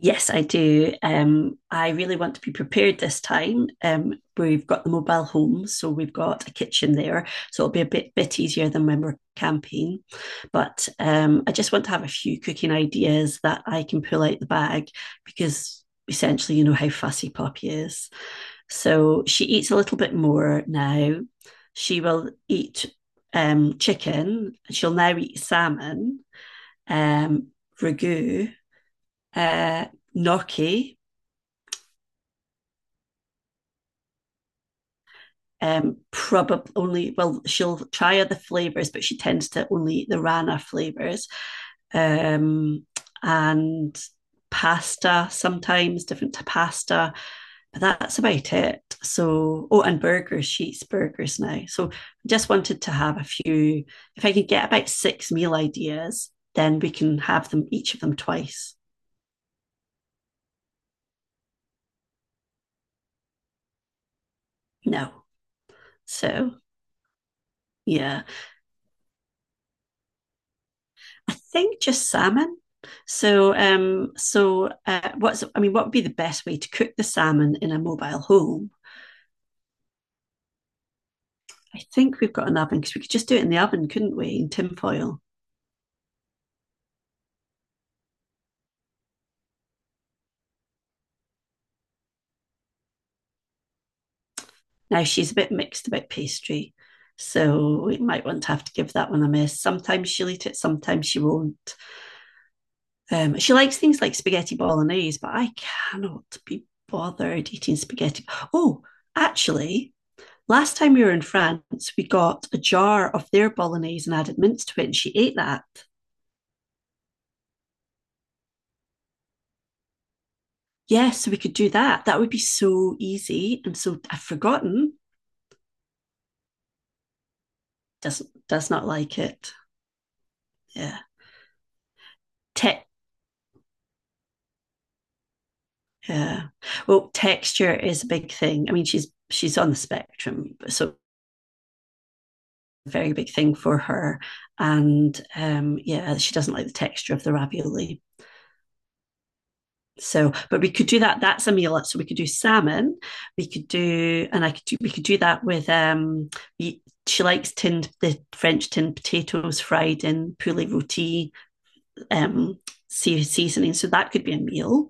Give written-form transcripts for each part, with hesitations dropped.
Yes, I do. I really want to be prepared this time. We've got the mobile home, so we've got a kitchen there, so it'll be a bit easier than when we're camping. But I just want to have a few cooking ideas that I can pull out the bag because essentially, you know how fussy Poppy is. So she eats a little bit more now. She will eat chicken. She'll now eat salmon, um, ragu, uh, gnocchi. Probably only well, she'll try other flavors, but she tends to only eat the rana flavors. Um, and pasta sometimes, different to pasta, but that's about it. So, oh, and burgers, she eats burgers now. So, I just wanted to have a few. If I could get about six meal ideas, then we can have them each of them twice. No, so yeah. I think just salmon. What would be the best way to cook the salmon in a mobile home? I think we've got an oven because we could just do it in the oven, couldn't we? In tin foil. Now she's a bit mixed about pastry, so we might want to have to give that one a miss. Sometimes she'll eat it, sometimes she won't. She likes things like spaghetti bolognese, but I cannot be bothered eating spaghetti. Oh, actually, last time we were in France, we got a jar of their bolognese and added mince to it, and she ate that. Yes, so we could do that. That would be so easy. And so I've forgotten. Does does not like it. Yeah. Tech. Yeah. Well, texture is a big thing. I mean, she's on the spectrum, so very big thing for her. And yeah, she doesn't like the texture of the ravioli. So, but we could do that. That's a meal. So we could do salmon. We could do, and I could do, we could do that with, we, she likes tinned, the French tinned potatoes fried in poulet roti, um, seasoning. So that could be a meal.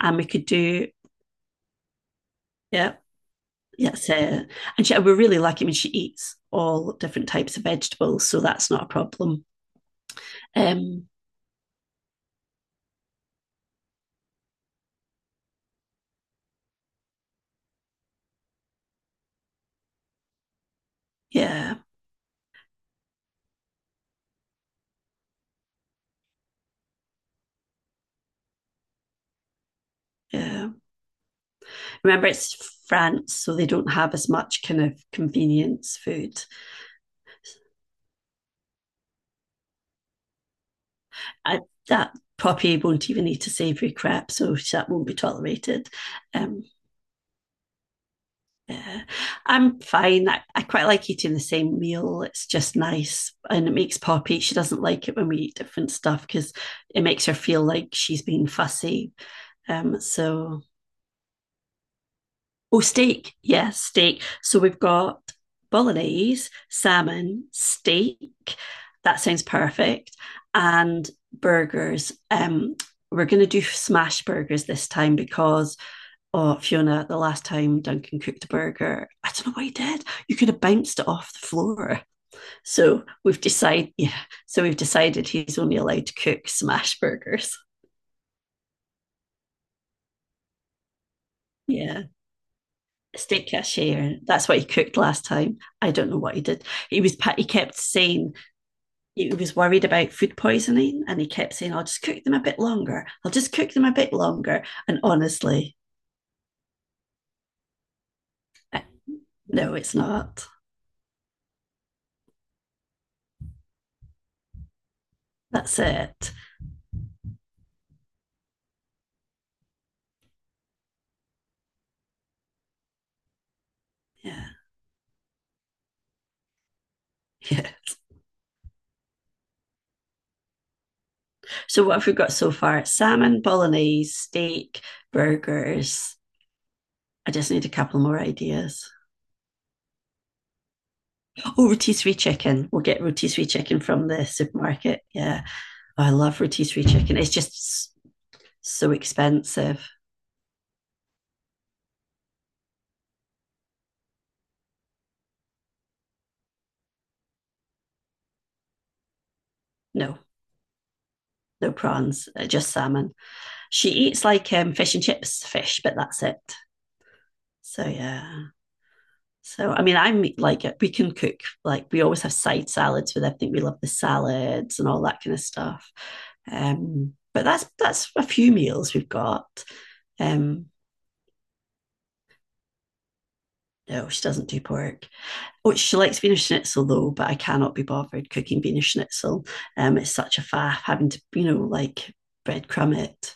And we could do, yeah, yes. And she, we're really lucky. I mean, she eats all different types of vegetables. So that's not a problem. Um, yeah. Yeah. Remember, it's France, so they don't have as much kind of convenience food. I, that puppy won't even eat a savoury crap, so that won't be tolerated. Um, yeah. I'm fine. I quite like eating the same meal. It's just nice and it makes Poppy. She doesn't like it when we eat different stuff because it makes her feel like she's being fussy. Um, so Oh, steak. Yeah, steak. So we've got bolognese, salmon, steak. That sounds perfect. And burgers. We're going to do smash burgers this time because, oh, Fiona, the last time Duncan cooked a burger, I don't know what he did. You could have bounced it off the floor. So we've decided, yeah. So we've decided he's only allowed to cook smash burgers. Yeah. Steak cashier. That's what he cooked last time. I don't know what he did. He kept saying he was worried about food poisoning, and he kept saying, "I'll just cook them a bit longer. I'll just cook them a bit longer." And honestly, eh, no, it's not. That's it. Yeah. Yeah. So what have we got so far? Salmon, bolognese, steak, burgers. I just need a couple more ideas. Oh, rotisserie chicken. We'll get rotisserie chicken from the supermarket. Yeah. Oh, I love rotisserie chicken. It's just so expensive. No, no prawns, just salmon. She eats like fish and chips fish, but that's it. So yeah. So I mean, I'm like we can cook like we always have side salads with everything. We love the salads and all that kind of stuff. But that's a few meals we've got. Um, no, she doesn't do pork. Oh, she likes Wiener Schnitzel though, but I cannot be bothered cooking Wiener Schnitzel. It's such a faff having to, like breadcrumb it.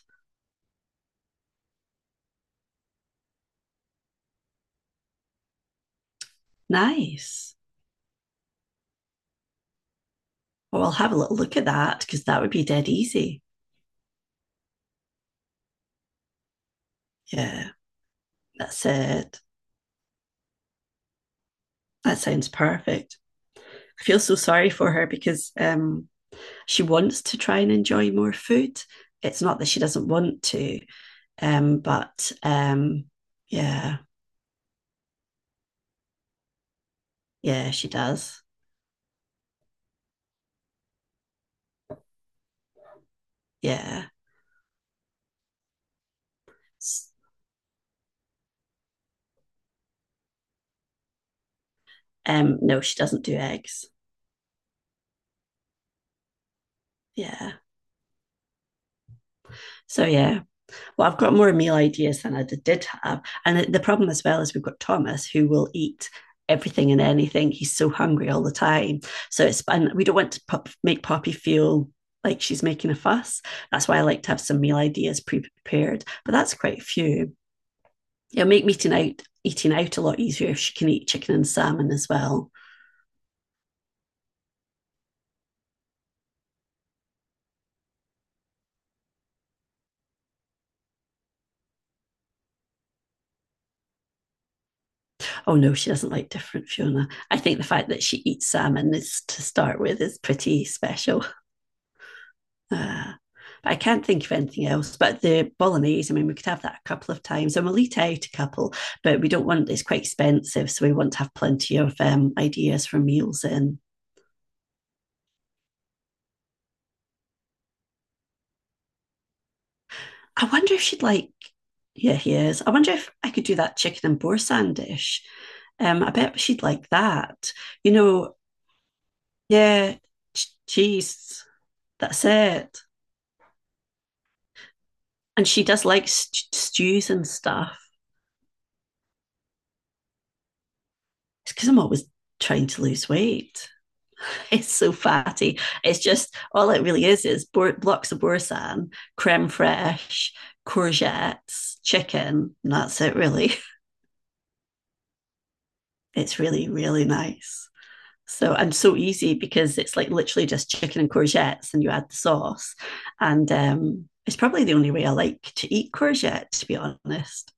Nice. Well, I'll have a little look at that because that would be dead easy. Yeah, that's it. That sounds perfect. I feel so sorry for her because she wants to try and enjoy more food. It's not that she doesn't want to, but yeah, yeah, she does. Yeah. No, she doesn't do eggs. Yeah. So yeah, well, I've got more meal ideas than I did, have. And the- problem as well is we've got Thomas who will eat everything and anything. He's so hungry all the time. So it's, and we don't want to pop, make Poppy feel like she's making a fuss. That's why I like to have some meal ideas pre-prepared, but that's quite a few. It'll make eating out a lot easier if she can eat chicken and salmon as well. Oh no, she doesn't like different Fiona. I think the fact that she eats salmon is to start with is pretty special. Uh, but I can't think of anything else. But the bolognese, I mean, we could have that a couple of times and we'll eat out a couple, but we don't want it's quite expensive. So we want to have plenty of ideas for meals in. I wonder if she'd like, yeah, he is. I wonder if I could do that chicken and boursin dish. I bet she'd like that. You know, yeah, ch- cheese, that's it. And she does like st- stews and stuff. It's because I'm always trying to lose weight. It's so fatty. It's just all it really is bor- blocks of boursin, creme fraiche, courgettes, chicken. And that's it, really. It's really, really nice. So and so easy because it's like literally just chicken and courgettes, and you add the sauce. And it's probably the only way I like to eat courgette, to be honest.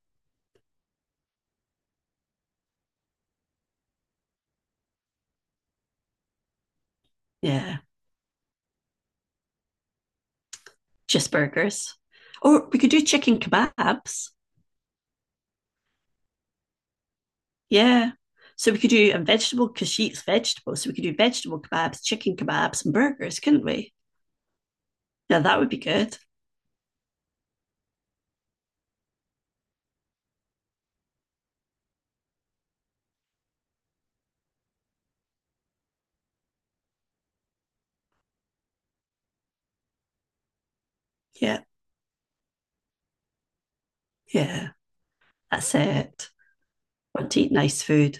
Yeah, just burgers. Or we could do chicken kebabs. Yeah. So we could do a vegetable because she eats vegetables. So we could do vegetable kebabs, chicken kebabs, and burgers, couldn't we? Yeah, that would be good. Yeah, yeah, that's it. Want to eat nice food.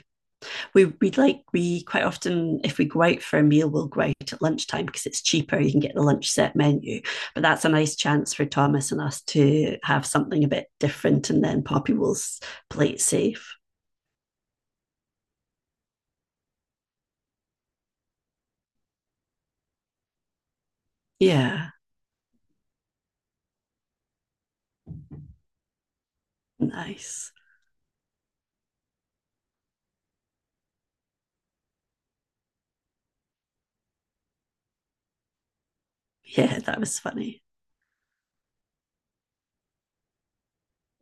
We quite often if we go out for a meal, we'll go out at lunchtime because it's cheaper. You can get the lunch set menu. But that's a nice chance for Thomas and us to have something a bit different and then Poppy will s- play it safe. Yeah, nice. Yeah, that was funny.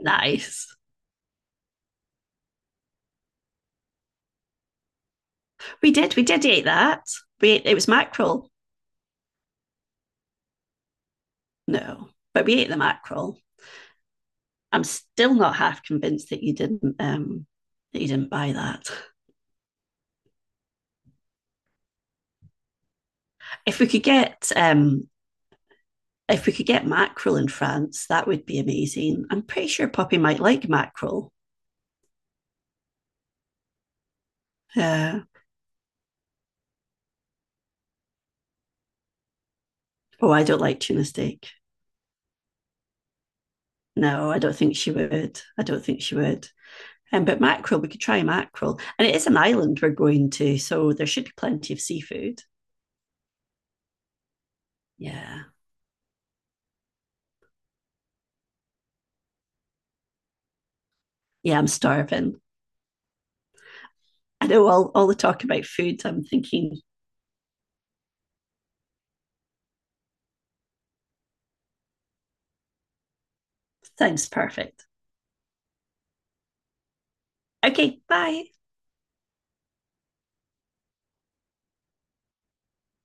Nice. We did. We did eat that. We ate, it was mackerel. No, but we ate the mackerel. I'm still not half convinced that you didn't buy that. If we could get um, if we could get mackerel in France, that would be amazing. I'm pretty sure Poppy might like mackerel. Yeah. Oh, I don't like tuna steak. No, I don't think she would. But mackerel, we could try mackerel, and it is an island we're going to, so there should be plenty of seafood. Yeah, yeah, I'm starving. I know all the talk about food. I'm thinking, sounds perfect. Okay, bye.